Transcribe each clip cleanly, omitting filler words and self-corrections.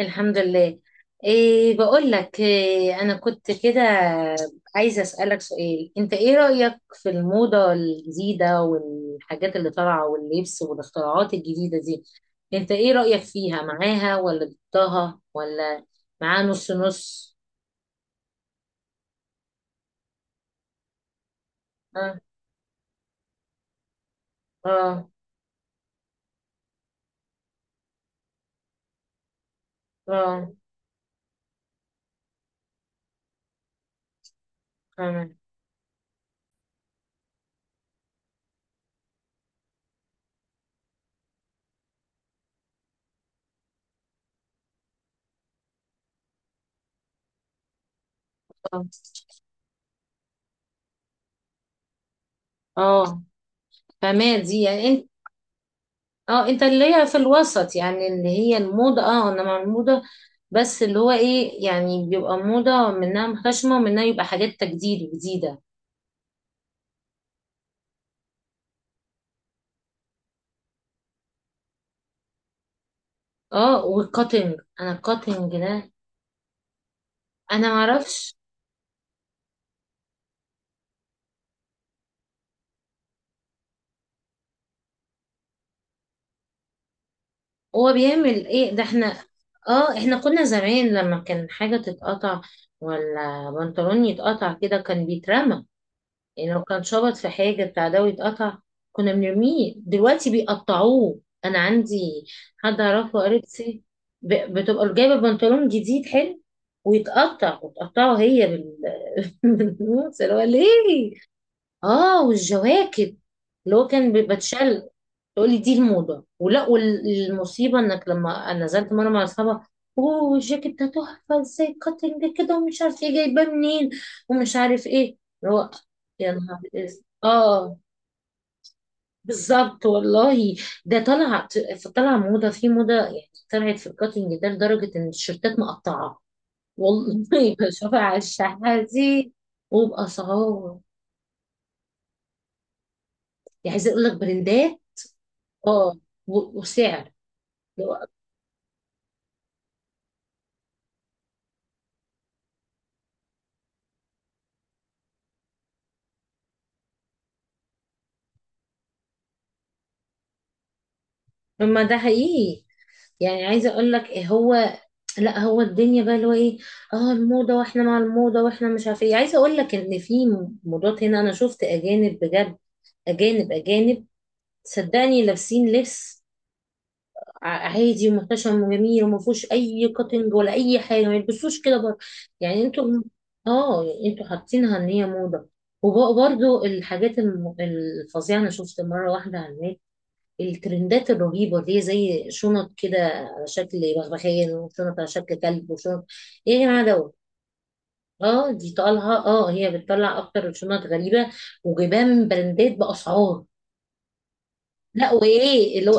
الحمد لله. إيه، بقول لك إيه، أنا كنت كده عايزة أسألك سؤال. أنت إيه رأيك في الموضة الجديدة والحاجات اللي طالعة واللبس والاختراعات الجديدة دي؟ أنت إيه رأيك فيها؟ معاها ولا ضدها ولا معاها نص نص؟ آه. آه. آه، فاهمة. آه. آه، فاهمة دي يعني اه، انت اللي هي في الوسط، يعني اللي هي الموضة، اه، انا مع الموضة، بس اللي هو ايه، يعني بيبقى موضة منها محتشمة ومنها يبقى حاجات تجديد وجديدة. اه، والكاتنج، انا الكاتنج ده انا معرفش هو بيعمل ايه ده. احنا اه، احنا كنا زمان لما كان حاجة تتقطع ولا بنطلون يتقطع كده كان بيترمى، يعني لو كان شبط في حاجة بتاع ده ويتقطع كنا بنرميه، دلوقتي بيقطعوه. أنا عندي حد أعرفه، قريبتي، بتبقى جايبة بنطلون جديد حلو ويتقطع وتقطعه هي بال بالنص، اللي هو ليه؟ اه، والجواكت اللي هو كان بتشل، تقولي دي الموضة ولا؟ والمصيبة انك لما أنا نزلت مرة مع اصحابها، اوه الجاكيت ده تحفة ازاي، كاتنج كده ومش عارف ايه، جايباه منين ومش عارف ايه اللي هو. يا نهار، اه، بالظبط والله. ده طلع، طلع موضة في موضة، يعني طلعت في الكاتنج ده لدرجة ان التيشيرتات مقطعة، والله بشوفها على الشحات دي. وبأسعار، يعني عايزة اقول لك براندات، اه، و- وسعر اللي هو- ما ده حقيقي. يعني عايزه اقول لك إيه هو، لا هو الدنيا بقى اللي هو ايه، اه، الموضه واحنا مع الموضه واحنا مش عارف ايه، عايزه اقول لك ان في موضات هنا انا شفت اجانب بجد، اجانب اجانب، صدقني لابسين لبس عادي ومحتشم وجميل وما فيهوش اي كاتنج ولا اي حاجه، ما يلبسوش كده بره. يعني انتوا اه، انتوا حاطينها ان هي موضه. وبرضه الحاجات الفظيعه، انا شفت مره واحده على النت الترندات الرهيبة اللي هي زي شنط كده على شكل بغبغان، وشنط على شكل كلب، وشنط، ايه يا جماعة دوت؟ اه دي طالها، اه هي بتطلع اكتر شنط غريبة وجبان براندات بأسعار. لا وايه اللي هو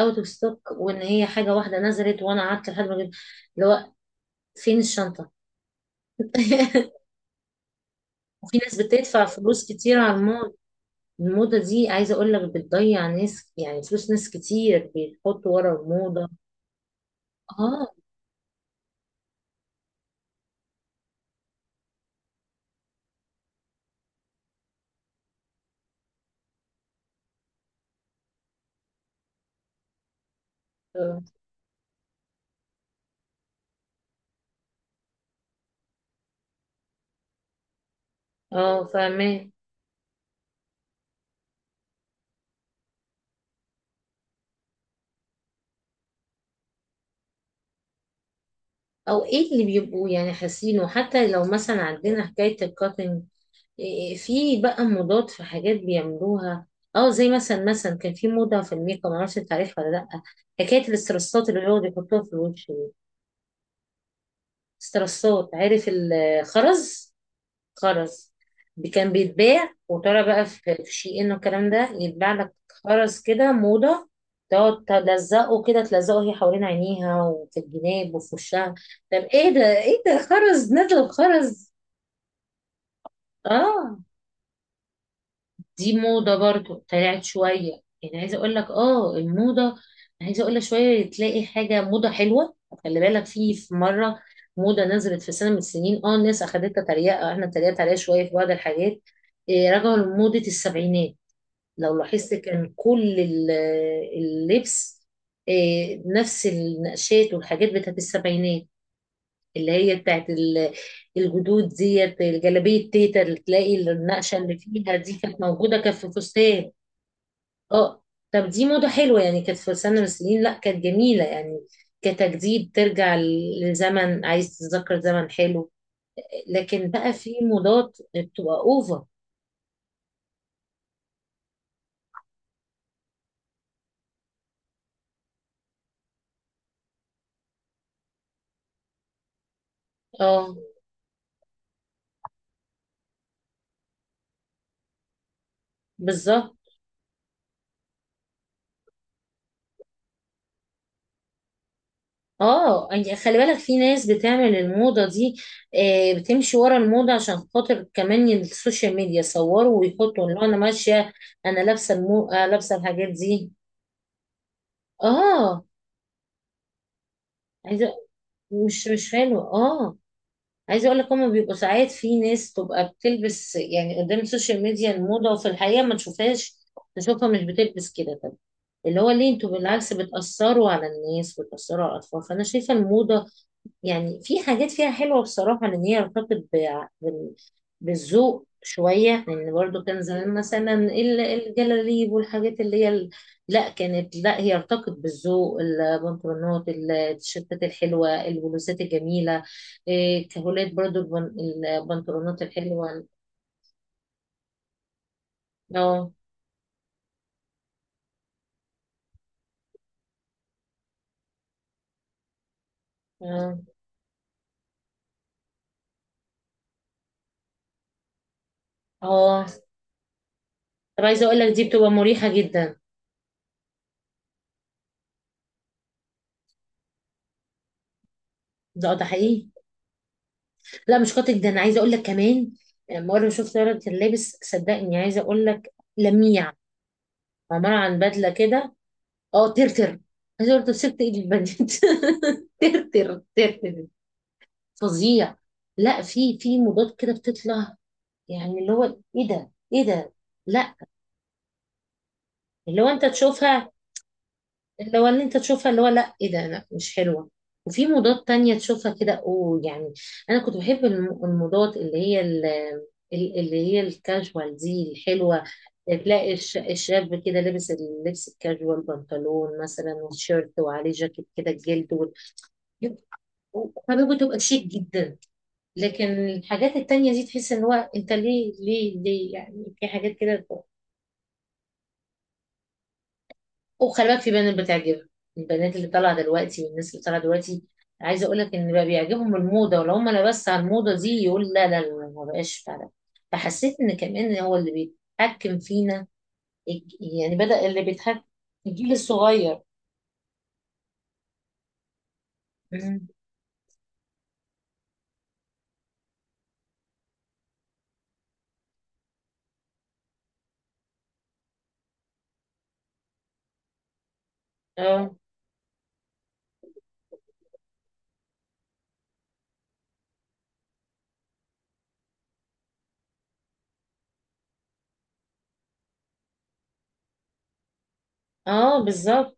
اوت اوف ستوك، وان هي حاجة واحدة نزلت وانا قعدت لحد ما جبت اللي هو فين الشنطة. وفي ناس بتدفع فلوس كتير على الموضة، الموضة دي عايزة اقول لك بتضيع ناس، يعني فلوس ناس كتير بيحطوا ورا الموضة. اه. اه. آه، فاهمة. او ايه اللي بيبقوا يعني حاسينه، حتى لو مثلا عندنا حكاية الكاتنج. إيه، إيه، في بقى موضات، في حاجات بيعملوها، اه زي مثلا، مثلا كان في موضة في الميك اب، معرفش انت عارفها ولا لأ. حكاية الاسترسات اللي هو بيحطوها في الوش دي، استرسات، عارف الخرز؟ خرز، كان بيتباع وترى بقى في شي ان والكلام ده يتباع لك، خرز كده موضة، تقعد تلزقه كده، تلزقه هي حوالين عينيها وفي الجناب وفي وشها. طب ايه ده؟ ايه ده؟ خرز نزل خرز. اه، دي موضة برضو طلعت شوية، يعني عايزة اقول لك اه الموضة، عايزة اقول لك شوية تلاقي حاجة موضة حلوة. خلي بالك في مرة موضة نزلت في سنة من السنين، اه الناس اخدتها تريقة، احنا اتريقت عليها شوية في بعض الحاجات. إيه، رجعوا لموضة السبعينات، لو لاحظت كان كل اللبس إيه، نفس النقشات والحاجات بتاعت السبعينات، اللي هي بتاعت الجدود ديت، الجلابية تيتا اللي تلاقي النقشة اللي فيها دي كانت موجودة، كانت في فستان اه. طب دي موضة حلوة يعني، كانت في سنة من السنين، لا كانت جميلة يعني، كتجديد ترجع لزمن، عايز تتذكر زمن حلو. لكن بقى في موضات بتبقى اوفر. اه، بالظبط. اه، يعني خلي بالك في ناس بتعمل الموضة دي آه، بتمشي ورا الموضة عشان خاطر كمان السوشيال ميديا، صوروا ويحطوا اللي هو انا ماشية، انا لابسة المو... آه لابسة الحاجات دي. اه، عايزة، مش مش حلو اه. عايزه اقول لك، هما بيبقوا ساعات في ناس تبقى بتلبس يعني قدام السوشيال ميديا الموضه، وفي الحقيقه ما تشوفهاش، نشوفها مش بتلبس كده. طب اللي هو ليه؟ انتوا بالعكس بتاثروا على الناس، بتاثروا على الاطفال. فانا شايفه الموضه، يعني في حاجات فيها حلوة بصراحة، لأن هي ارتبطت بالذوق شوية، لأن برضو كان زمان مثلا الجلاليب والحاجات اللي هي لا كانت، لا هي ارتبطت بالذوق، البنطلونات، التيشيرتات الحلوة، البلوزات الجميلة، إيه، كهولات برضو البنطلونات الحلوة. اه. اه. اه. طب عايزة أقول لك دي بتبقى مريحة جدا. ده ده حقيقي. لا مش قاتل ده، انا عايزه اقول لك كمان، لما انا شفت ولد كان لابس، صدقني عايزه اقول لك، لميع، عباره عن بدله كده. اه، ترتر. عايزه اقول لك، سبت ايدي البنت ترتر ترتر. فظيع. لا في في موضات كده بتطلع، يعني اللي هو ايه ده؟ ايه ده؟ لا، اللي هو انت تشوفها، اللي هو اللي انت تشوفها، اللي هو لا ايه ده؟ لا مش حلوة. وفي موضات تانية تشوفها كده اوه يعني. انا كنت بحب الموضات اللي هي اللي هي الكاجوال دي الحلوة، تلاقي الشاب كده لابس اللبس الكاجوال، بنطلون مثلا وتيشيرت وعليه جاكيت كده الجلد حبيبه تبقى شيك جدا. لكن الحاجات التانية دي تحس ان هو انت ليه ليه ليه، يعني في حاجات كده. وخلي بالك في بنات بتعجبها، البنات اللي طالعه دلوقتي والناس اللي طالعه دلوقتي، عايزه اقول لك ان بقى بيعجبهم الموضه، ولو هم انا بس على الموضه دي يقول لا لا لا، ما بقاش فعلا. فحسيت ان كمان هو اللي بيتحكم فينا، يعني بدأ اللي بيتحكم الجيل الصغير. مم. اه. اه، بالظبط.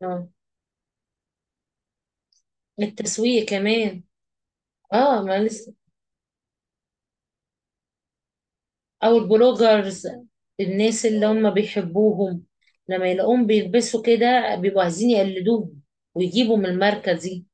اه، التسويق كمان. اه ما لسه. او البلوجرز، الناس اللي هم بيحبوهم، لما يلاقوهم بيلبسوا كده بيبقوا عايزين يقلدوهم، ويجيبوا من الماركة دي.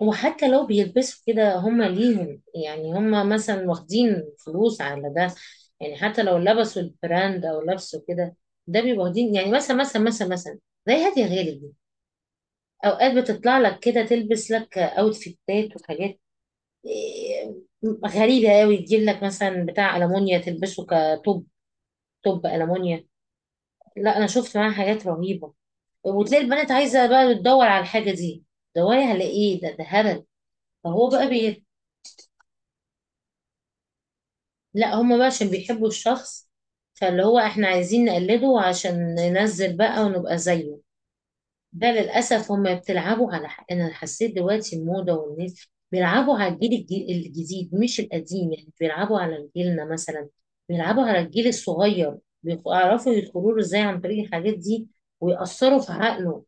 وحتى لو بيلبسوا كده هم ليهم، يعني هم مثلا واخدين فلوس على ده، يعني حتى لو لبسوا البراند او لبسوا كده، ده بيبقوا واخدين، يعني مثلا مثلا مثلا مثلا زي هادية غالب دي، اوقات بتطلع لك كده تلبس لك اوتفيتات وحاجات إيه، غريبة قوي، تجيب لك مثلا بتاع ألمونيا تلبسه كتوب، توب ألمونيا. لا انا شفت معاها حاجات رهيبة، وتلاقي البنات عايزة بقى تدور على الحاجة دي. دوري على ايه ده؟ ده هبل. فهو بقى لا هما بقى عشان بيحبوا الشخص، فاللي هو احنا عايزين نقلده عشان ننزل بقى ونبقى زيه. ده للأسف هما بتلعبوا على حق. أنا حسيت دلوقتي الموضة والناس بيلعبوا على الجيل الجديد، مش القديم، يعني بيلعبوا على جيلنا مثلا، بيلعبوا على الجيل الصغير، بيعرفوا يدخلوا له ازاي عن طريق الحاجات دي، ويأثروا في عقله.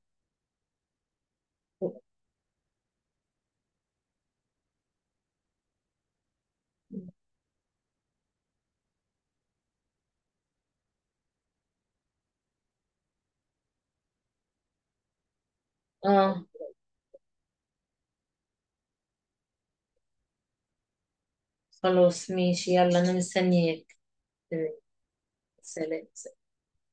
اه، خلاص ماشي، يلا أنا مستنياك. سلام.